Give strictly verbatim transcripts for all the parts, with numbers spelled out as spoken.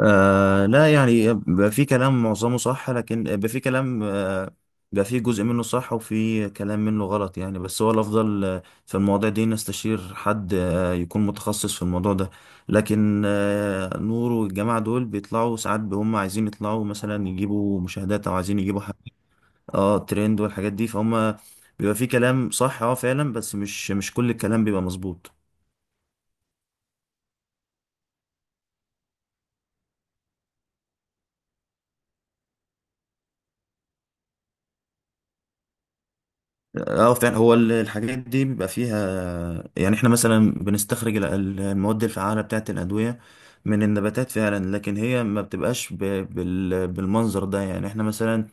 آه لا، يعني بقى في كلام معظمه صح، لكن بقى في كلام آه بقى في جزء منه صح وفي كلام منه غلط. يعني بس هو الأفضل آه، في المواضيع دي نستشير حد آه يكون متخصص في الموضوع ده. لكن آه نور والجماعة دول بيطلعوا ساعات هم عايزين يطلعوا، مثلا يجيبوا مشاهدات أو عايزين يجيبوا حاجة. اه، ترند والحاجات دي فهم. بيبقى في كلام صح اه فعلا، بس مش مش كل الكلام بيبقى مظبوط. اه فعلا، هو ال- الحاجات دي بيبقى فيها. يعني احنا مثلا بنستخرج ال- ال- المواد الفعالة بتاعة الأدوية من النباتات فعلا، لكن هي ما بتبقاش ب- بال- بالمنظر ده. يعني احنا مثلا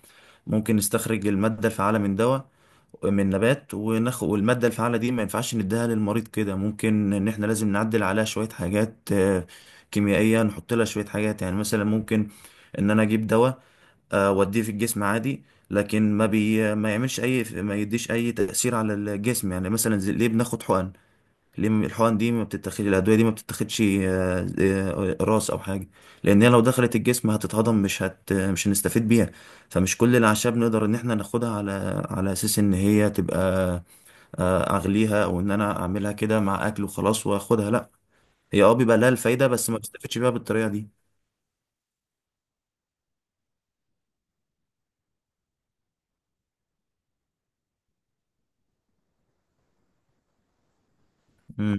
ممكن نستخرج المادة الفعالة من دواء، من نبات، وناخد والمادة الفعالة دي ما ينفعش نديها للمريض كده. ممكن ان احنا لازم نعدل عليها شوية حاجات آه، كيميائية، نحط لها شوية حاجات. يعني مثلا ممكن ان انا اجيب دواء آه، واديه في الجسم عادي، لكن ما بي ما يعملش اي، ما يديش اي تاثير على الجسم. يعني مثلا زي- ليه بناخد حقن؟ ليه م- الحقن دي ما بتتاخدش؟ الادويه دي ما بتتاخدش آه، آه، راس او حاجه؟ لان هي لو دخلت الجسم هتتهضم، مش هت مش هنستفيد بيها. فمش كل الاعشاب نقدر ان احنا ناخدها على، على اساس ان هي تبقى آه، اغليها او ان انا اعملها كده مع اكل وخلاص واخدها، لا. هي اه بيبقى لها الفايده بس ما بستفدش بيها بالطريقه دي.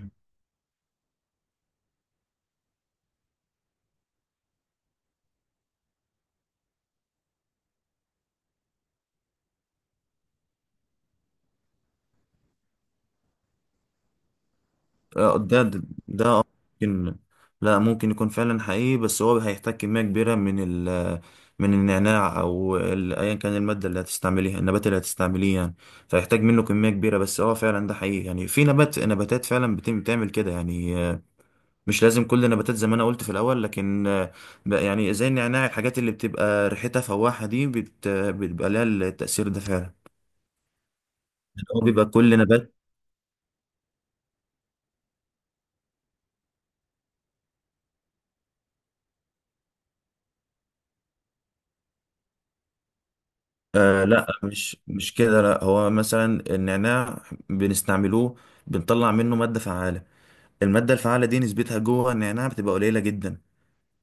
آه، ده ده ده آه، ممكن، لا ممكن يكون فعلا حقيقي، بس هو هيحتاج كمية كبيرة من ال من النعناع أو ال- أيا كان المادة اللي هتستعمليها، النبات اللي هتستعمليه. يعني فيحتاج منه كمية كبيرة، بس هو فعلا ده حقيقي. يعني في نبات نباتات فعلا بتم- بتعمل كده يعني آه، مش لازم كل النباتات زي ما أنا قلت في الأول، لكن آه، بقى يعني زي النعناع، الحاجات اللي بتبقى ريحتها فواحة دي بت- بتبقى لها التأثير ده فعلا. يعني هو بيبقى كل نبات. آه لا، مش مش كده، لا. هو مثلا النعناع بنستعملوه، بنطلع منه مادة فعالة. المادة الفعالة دي نسبتها جوه النعناع بتبقى قليلة جدا.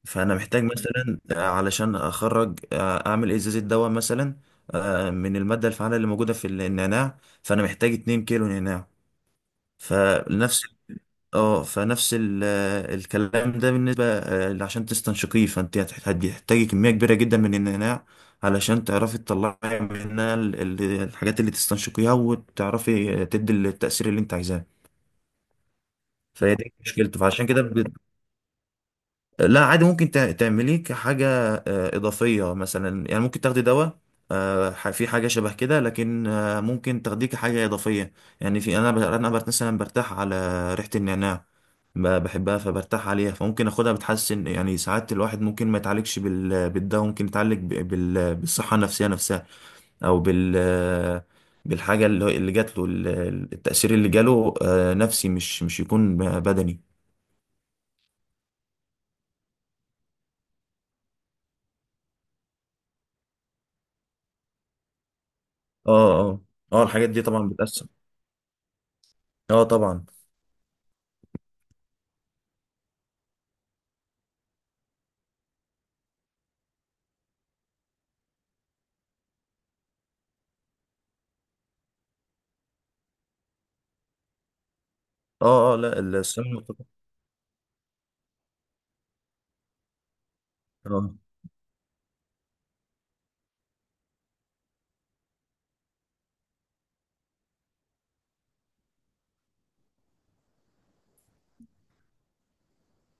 فأنا محتاج مثلا آه، علشان أخرج آه، أعمل إزازة دواء مثلا آه، من المادة الفعالة اللي موجودة في النعناع، فأنا محتاج 2 كيلو نعناع. فنفس، اه فنفس ال- آه، الكلام ده. بالنسبة آه، عشان تستنشقيه، فانت هتح- هتحتاجي كمية كبيرة جدا من النعناع علشان تعرفي تطلعي منها ال- ال- الحاجات اللي تستنشقيها، وتعرفي آه، تدي التأثير اللي انت عايزاه. فهي دي مشكلته. فعشان كده، لا عادي ممكن تع- تعمليه كحاجة آه، إضافية مثلا. يعني ممكن تاخدي دواء آه، ح- في حاجة شبه كده، لكن آه، ممكن تاخديه كحاجة إضافية. يعني في أنا ب- أنا بر- مثلا برتاح على ريحة النعناع، ب- بحبها فبرتاح عليها، فممكن اخدها بتحسن. يعني ساعات الواحد ممكن ما يتعالجش بال... بالدواء، ممكن يتعالج ب- بال... بالصحة النفسية نفسها، او بال بالحاجة اللي اللي جات له. ال- التأثير اللي جاله آه، نفسي، مش مش يكون بدني. اه. اه. اه الحاجات دي طبعا. اه طبعا. اه اه، لا الصيام المتقطع. اه.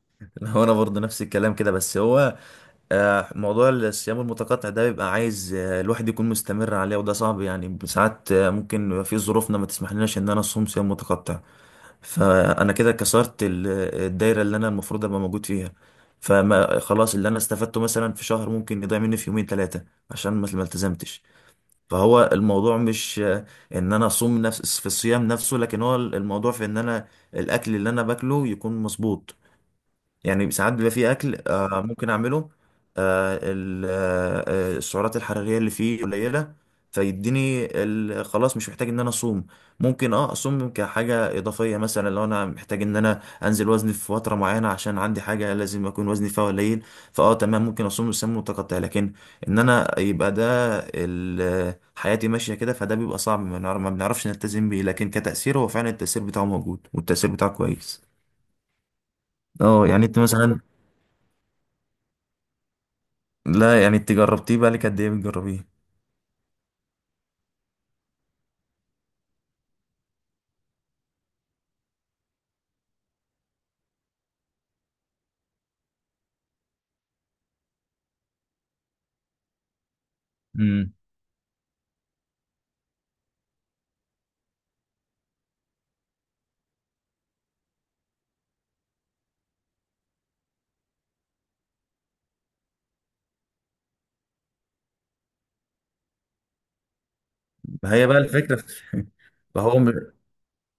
هو انا برضه نفس الكلام كده، بس هو آه، موضوع الصيام المتقطع ده بيبقى عايز آه، الواحد يكون مستمر عليه، وده صعب. يعني ساعات آه، ممكن يبقى في ظروفنا ما تسمحلناش ان انا اصوم صيام متقطع، فانا كده كسرت ال- الدايره اللي انا المفروض ابقى موجود فيها. فما خلاص اللي انا استفدته مثلا في شهر ممكن يضيع مني في يومين ثلاثه، عشان ما ما التزمتش. فهو الموضوع مش آه، ان انا اصوم، نفس في الصيام نفسه، لكن هو الموضوع في ان انا الاكل اللي انا باكله يكون مظبوط. يعني ساعات بيبقى فيه اكل آه ممكن اعمله آه ال- آه، السعرات الحراريه اللي فيه قليله، فيديني ال- خلاص مش محتاج ان انا اصوم. ممكن اه اصوم كحاجه اضافيه مثلا، لو انا محتاج ان انا انزل وزني في فتره معينه عشان عندي حاجه لازم اكون وزني فيها قليل، فاه تمام ممكن اصوم صيام متقطع. لكن ان انا يبقى ده ال- حياتي ماشيه كده، فده بيبقى صعب. ما نعرف- ما بنعرفش نلتزم بيه، لكن كتاثير هو فعلا التاثير بتاعه موجود، والتاثير بتاعه كويس. اه يعني انت مثلا، لا يعني انت جربتيه بقى لك قد ايه بتجربيه؟ امم. ما هي بقى الفكرة في- فهو م-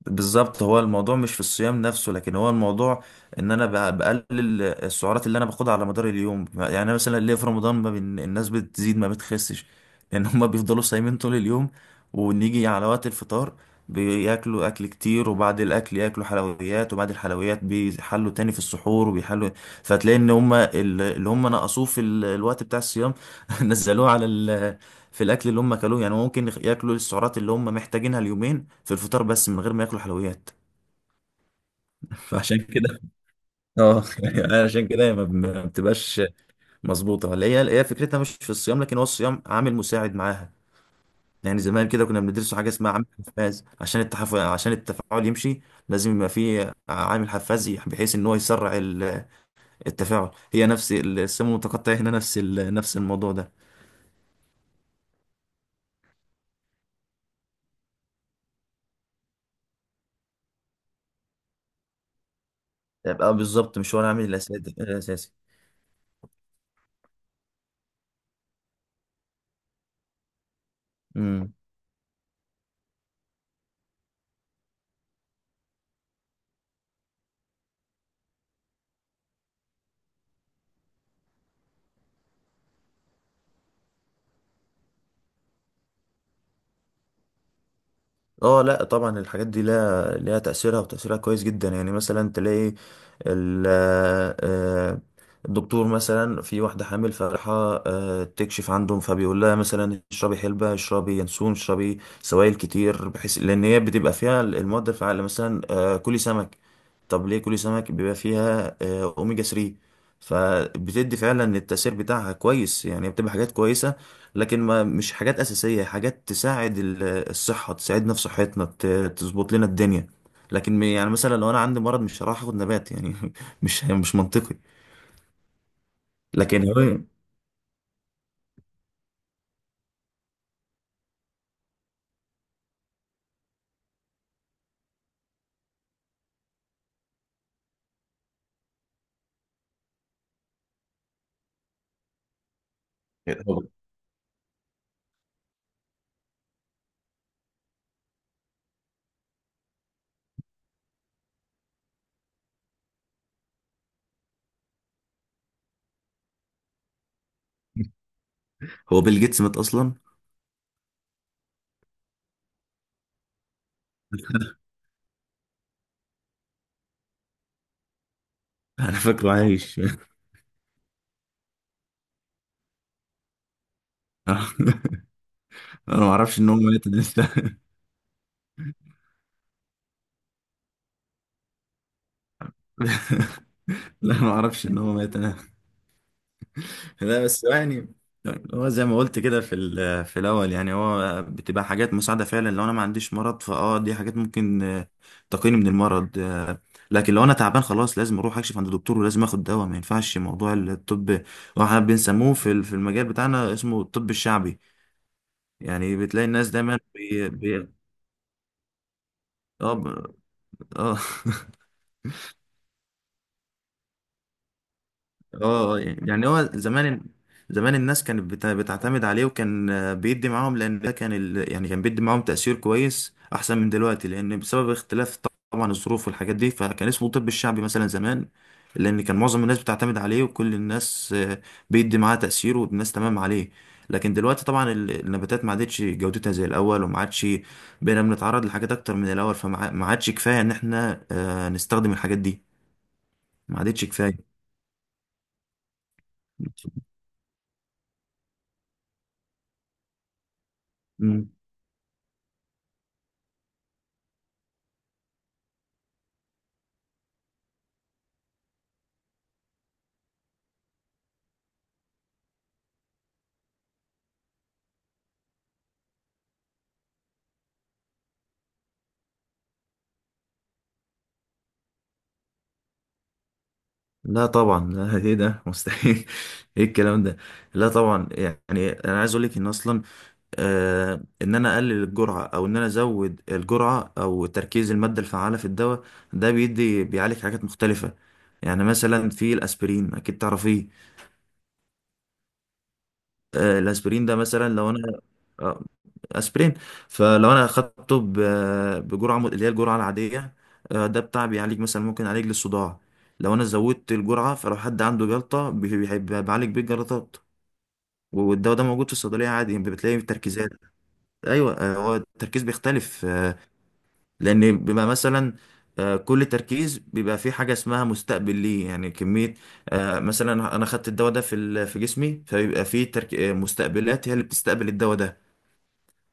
بالظبط، هو الموضوع مش في الصيام نفسه، لكن هو الموضوع ان انا ب- بقلل السعرات اللي انا باخدها على مدار اليوم. يعني أنا مثلا، ليه في رمضان ما بين الناس بتزيد ما بتخسش؟ لان هم بيفضلوا صايمين طول اليوم، ونيجي على وقت الفطار بياكلوا اكل كتير، وبعد الاكل ياكلوا حلويات، وبعد الحلويات بيحلوا تاني في السحور وبيحلوا. فتلاقي ان هم ال- اللي هم نقصوه في ال- الوقت بتاع الصيام، نزلوه على، في الاكل اللي هم اكلوه. يعني ممكن يخ- ياكلوا السعرات اللي هم محتاجينها اليومين في الفطار، بس من غير ما ياكلوا حلويات. فعشان كده اه. يعني عشان كده ما ما بتبقاش مظبوطه. ولا هي، هي فكرتها مش في الصيام، لكن هو الصيام عامل مساعد معاها. يعني زمان كده كنا بندرسوا حاجه اسمها عامل حفاز، عشان التحف... عشان التفاعل يمشي لازم يبقى فيه عامل حفاز بحيث ان هو يسرع ال- التفاعل. هي نفس الصيام المتقطع هنا، نفس ال... نفس الموضوع ده. يبقى بالظبط مش هو العامل الاساسي. الاساسي اه، لا طبعا الحاجات دي لها لها تأثيرها، وتأثيرها كويس جدا. يعني مثلا تلاقي ال- آه، الدكتور مثلا في واحدة حامل فراحة آه، تكشف عندهم، فبيقول لها مثلا اشربي حلبة، اشربي ينسون، اشربي سوائل كتير، بحيث لأن هي بتبقى فيها المواد الفعالة. مثلا آه، كلي سمك. طب ليه كلي سمك؟ بيبقى فيها آه، أوميجا ثلاثة، فبتدي فعلا التأثير بتاعها كويس. يعني بتبقى حاجات كويسة، لكن ما مش حاجات أساسية. حاجات تساعد ال- الصحة، تساعدنا في صحتنا، ت- تظبط لنا الدنيا. لكن م- يعني مثلا لو أنا عندي مرض مش هروح آخد نبات، يعني مش مش منطقي. لكن هو. هو بيل جيتس مات أصلا. أنا فاكره عايش. أنا ما أعرفش إن هو مات لسه. لا، ما أعرفش إن هو مات أنا. لا، بس يعني هو زي ما قلت كده في ال- في الاول. يعني هو بتبقى حاجات مساعده فعلا، لو انا ما عنديش مرض فاه دي حاجات ممكن آه، تقيني من المرض آه، لكن لو انا تعبان خلاص لازم اروح اكشف عند دكتور، ولازم اخد دواء، ما ينفعش. موضوع الطب هو احنا بنسموه في ال- في المجال بتاعنا اسمه الطب الشعبي. يعني بتلاقي الناس دايما بي بي اه ب- اه. اه آه، يعني يعني هو زمان زمان الناس كانت بت- بتعتمد عليه، وكان آه، بيدي معاهم. لان ده كان ال... يعني كان بيدي معاهم تأثير كويس احسن من دلوقتي، لان بسبب اختلاف طبعا الظروف والحاجات دي، فكان اسمه الطب الشعبي مثلا زمان، لان كان معظم الناس بتعتمد عليه، وكل الناس آه، بيدي معاه تأثير، والناس تمام عليه. لكن دلوقتي طبعا ال- النباتات ما عادتش جودتها زي الاول، وما عادش. بقينا بنتعرض لحاجات اكتر من الاول، فما ما عادش كفاية ان احنا آه، نستخدم الحاجات دي. ما عادتش كفاية. لا طبعا، لا ايه ده؟ مستحيل. ايه الكلام ده؟ لا طبعا. يعني انا عايز اقول لك ان اصلا آه، ان انا اقلل الجرعه او ان انا ازود الجرعه او تركيز الماده الفعاله في الدواء، ده بيدي بيعالج حاجات مختلفه. يعني مثلا في الاسبرين، اكيد تعرفيه. آه الاسبرين ده مثلا، لو انا آه، اسبرين فلو انا اخدته ب- بجرعه م- اللي هي الجرعه العاديه آه، ده بتاع بيعالج مثلا، ممكن يعالج لي الصداع. لو انا زودت الجرعه، فلو حد عنده جلطه بي- بي- بي- بعالج بيه الجلطات. والدواء ده موجود في الصيدليه عادي، يعني بتلاقي تركيزات. ايوه آه، هو التركيز بيختلف آه، لان بيبقى مثلا آه، كل تركيز بيبقى فيه حاجه اسمها مستقبل ليه. يعني كميه آه، مثلا انا خدت الدواء ده في ال- في جسمي، فبيبقى فيه ترك... آه، مستقبلات، هي اللي بتستقبل الدواء ده.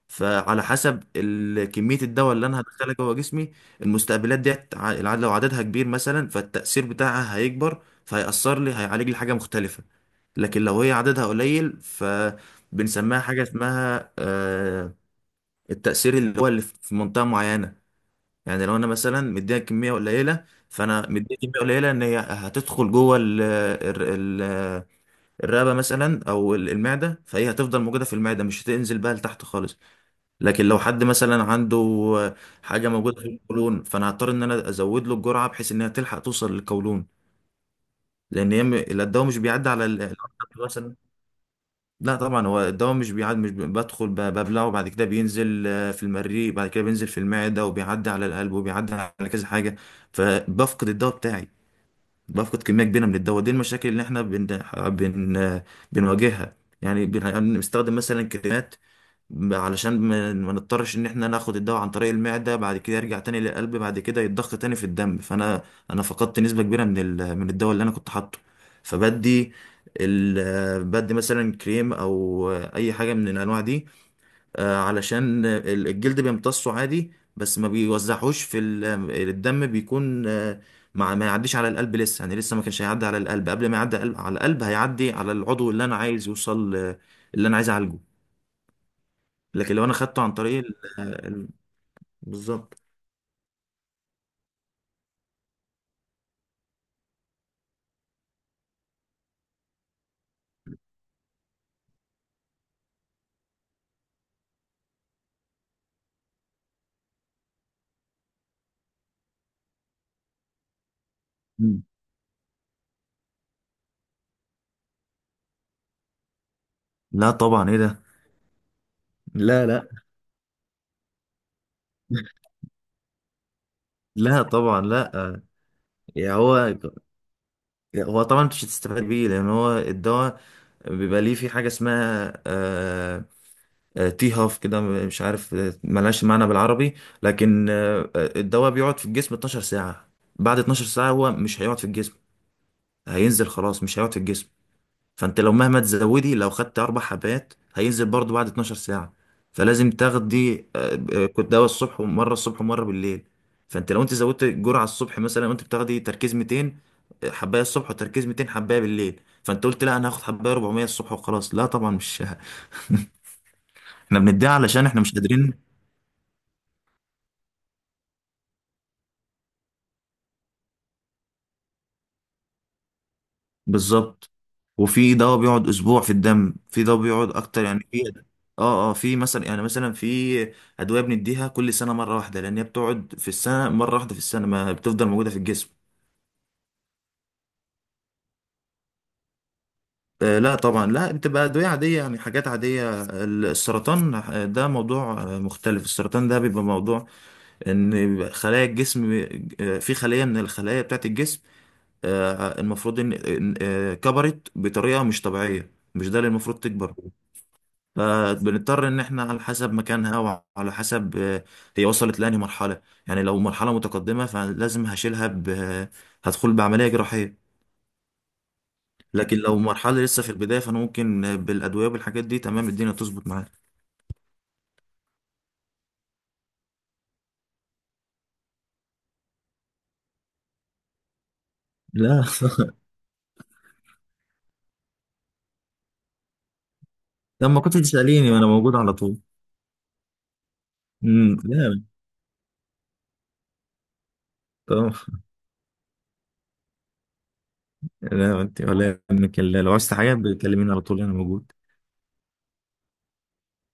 فعلى حسب ال- كمية الدواء اللي أنا هدخلها جوه جسمي، المستقبلات ديت ع- العدد، لو عددها كبير مثلا فالتأثير بتاعها هيكبر، فهيأثر لي هيعالج لي حاجة مختلفة. لكن لو هي عددها قليل، فبنسميها حاجة اسمها آه، التأثير اللي هو اللي في منطقة معينة. يعني لو أنا مثلا مديها كمية قليلة، فأنا مديها كمية قليلة إن هي هتدخل جوه ال- ال- ال- الرقبة مثلا أو المعدة، فهي هتفضل موجودة في المعدة مش هتنزل بقى لتحت خالص. لكن لو حد مثلا عنده حاجه موجوده في القولون، فانا هضطر ان انا ازود له الجرعه بحيث انها تلحق توصل للقولون. لان هي م- الدواء مش بيعدي على ال- الأرض مثلا. لا طبعا، هو الدواء مش بيعدي، مش ب- بدخل ب- ببلعه، بعد كده بينزل آه، في المريء، بعد كده بينزل في المعده، وبيعدي على القلب، وبيعدي على كذا حاجه. فبفقد الدواء بتاعي، بفقد كميه كبيره من الدواء. دي المشاكل اللي احنا بن بن بنواجهها. يعني بن- بنستخدم مثلا كريمات ب- علشان ما ما نضطرش ان احنا ناخد الدواء عن طريق المعدة، بعد كده يرجع تاني للقلب، بعد كده يتضخ تاني في الدم، فانا انا فقدت نسبة كبيرة من ال... من الدواء اللي انا كنت حاطه. فبدي ال... بدي مثلا كريم او اي حاجة من الانواع دي آه، علشان ال- الجلد بيمتصه عادي، بس ما بيوزعهوش في ال... الدم. بيكون آه، مع ما يعديش على القلب لسه، يعني لسه ما كانش هيعدي على القلب. قبل ما يعدي على القلب، على القلب هيعدي على العضو اللي انا عايز يوصل آه، اللي انا عايز اعالجه. لكن لو انا خدته عن طريق ال- آه، ال- بالظبط. مم. لا طبعا، ايه ده؟ لا لا. لا طبعا لا. يعني هو، هو طبعا مش هتستفاد بيه، لان هو الدواء بيبقى ليه في حاجه اسمها آه، آه، تي هاف كده، مش عارف آه، ملهاش معنى بالعربي. لكن آه، آه، الدواء بيقعد في الجسم 12 ساعه، بعد اتناشر ساعه هو مش هيقعد في الجسم، هينزل خلاص مش هيقعد في الجسم. فانت لو مهما تزودي، لو خدت اربع حبات هينزل برضو بعد 12 ساعه. فلازم تاخدي آه، آه، كنت دواء الصبح ومره الصبح ومره بالليل. فانت لو انت زودت جرعه الصبح مثلا، وانت بتاخدي تركيز ميتين حبايه الصبح وتركيز ميتين حبايه بالليل، فانت قلت لا انا هاخد حبايه اربعمية الصبح وخلاص؟ لا طبعا مش. احنا بنديها علشان احنا مش قادرين. بالظبط. وفي دواء بيقعد اسبوع في الدم، في دواء بيقعد اكتر. يعني في اه اه، في مثلا، يعني مثلا في ادويه بنديها كل سنه مره واحده، لان هي بتقعد في السنه مره واحده، في السنه ما بتفضل موجوده في الجسم. آه لا طبعا لا، بتبقى ادويه عاديه، يعني حاجات عاديه. ال- السرطان آه، ده موضوع آه، مختلف. السرطان ده بيبقى موضوع ان بيبقى خلايا الجسم آه، في خليه من الخلايا بتاعه الجسم آه، المفروض ان إن- آه، كبرت بطريقه مش طبيعيه، مش ده اللي المفروض تكبر. فبنضطر ان احنا على حسب مكانها وعلى حسب آه، هي وصلت لانهي مرحله. يعني لو مرحله متقدمه فلازم هشيلها ب... هدخل بعمليه جراحيه. لكن لو مرحله لسه في البدايه، فانا ممكن آه، بالادويه والحاجات دي تمام الدنيا تظبط معايا. لا. لما كنت تساليني وانا موجود على طول. امم. لا طبعا. لا انت ولا يهمك، لو عايز حاجه بتكلميني على طول انا موجود.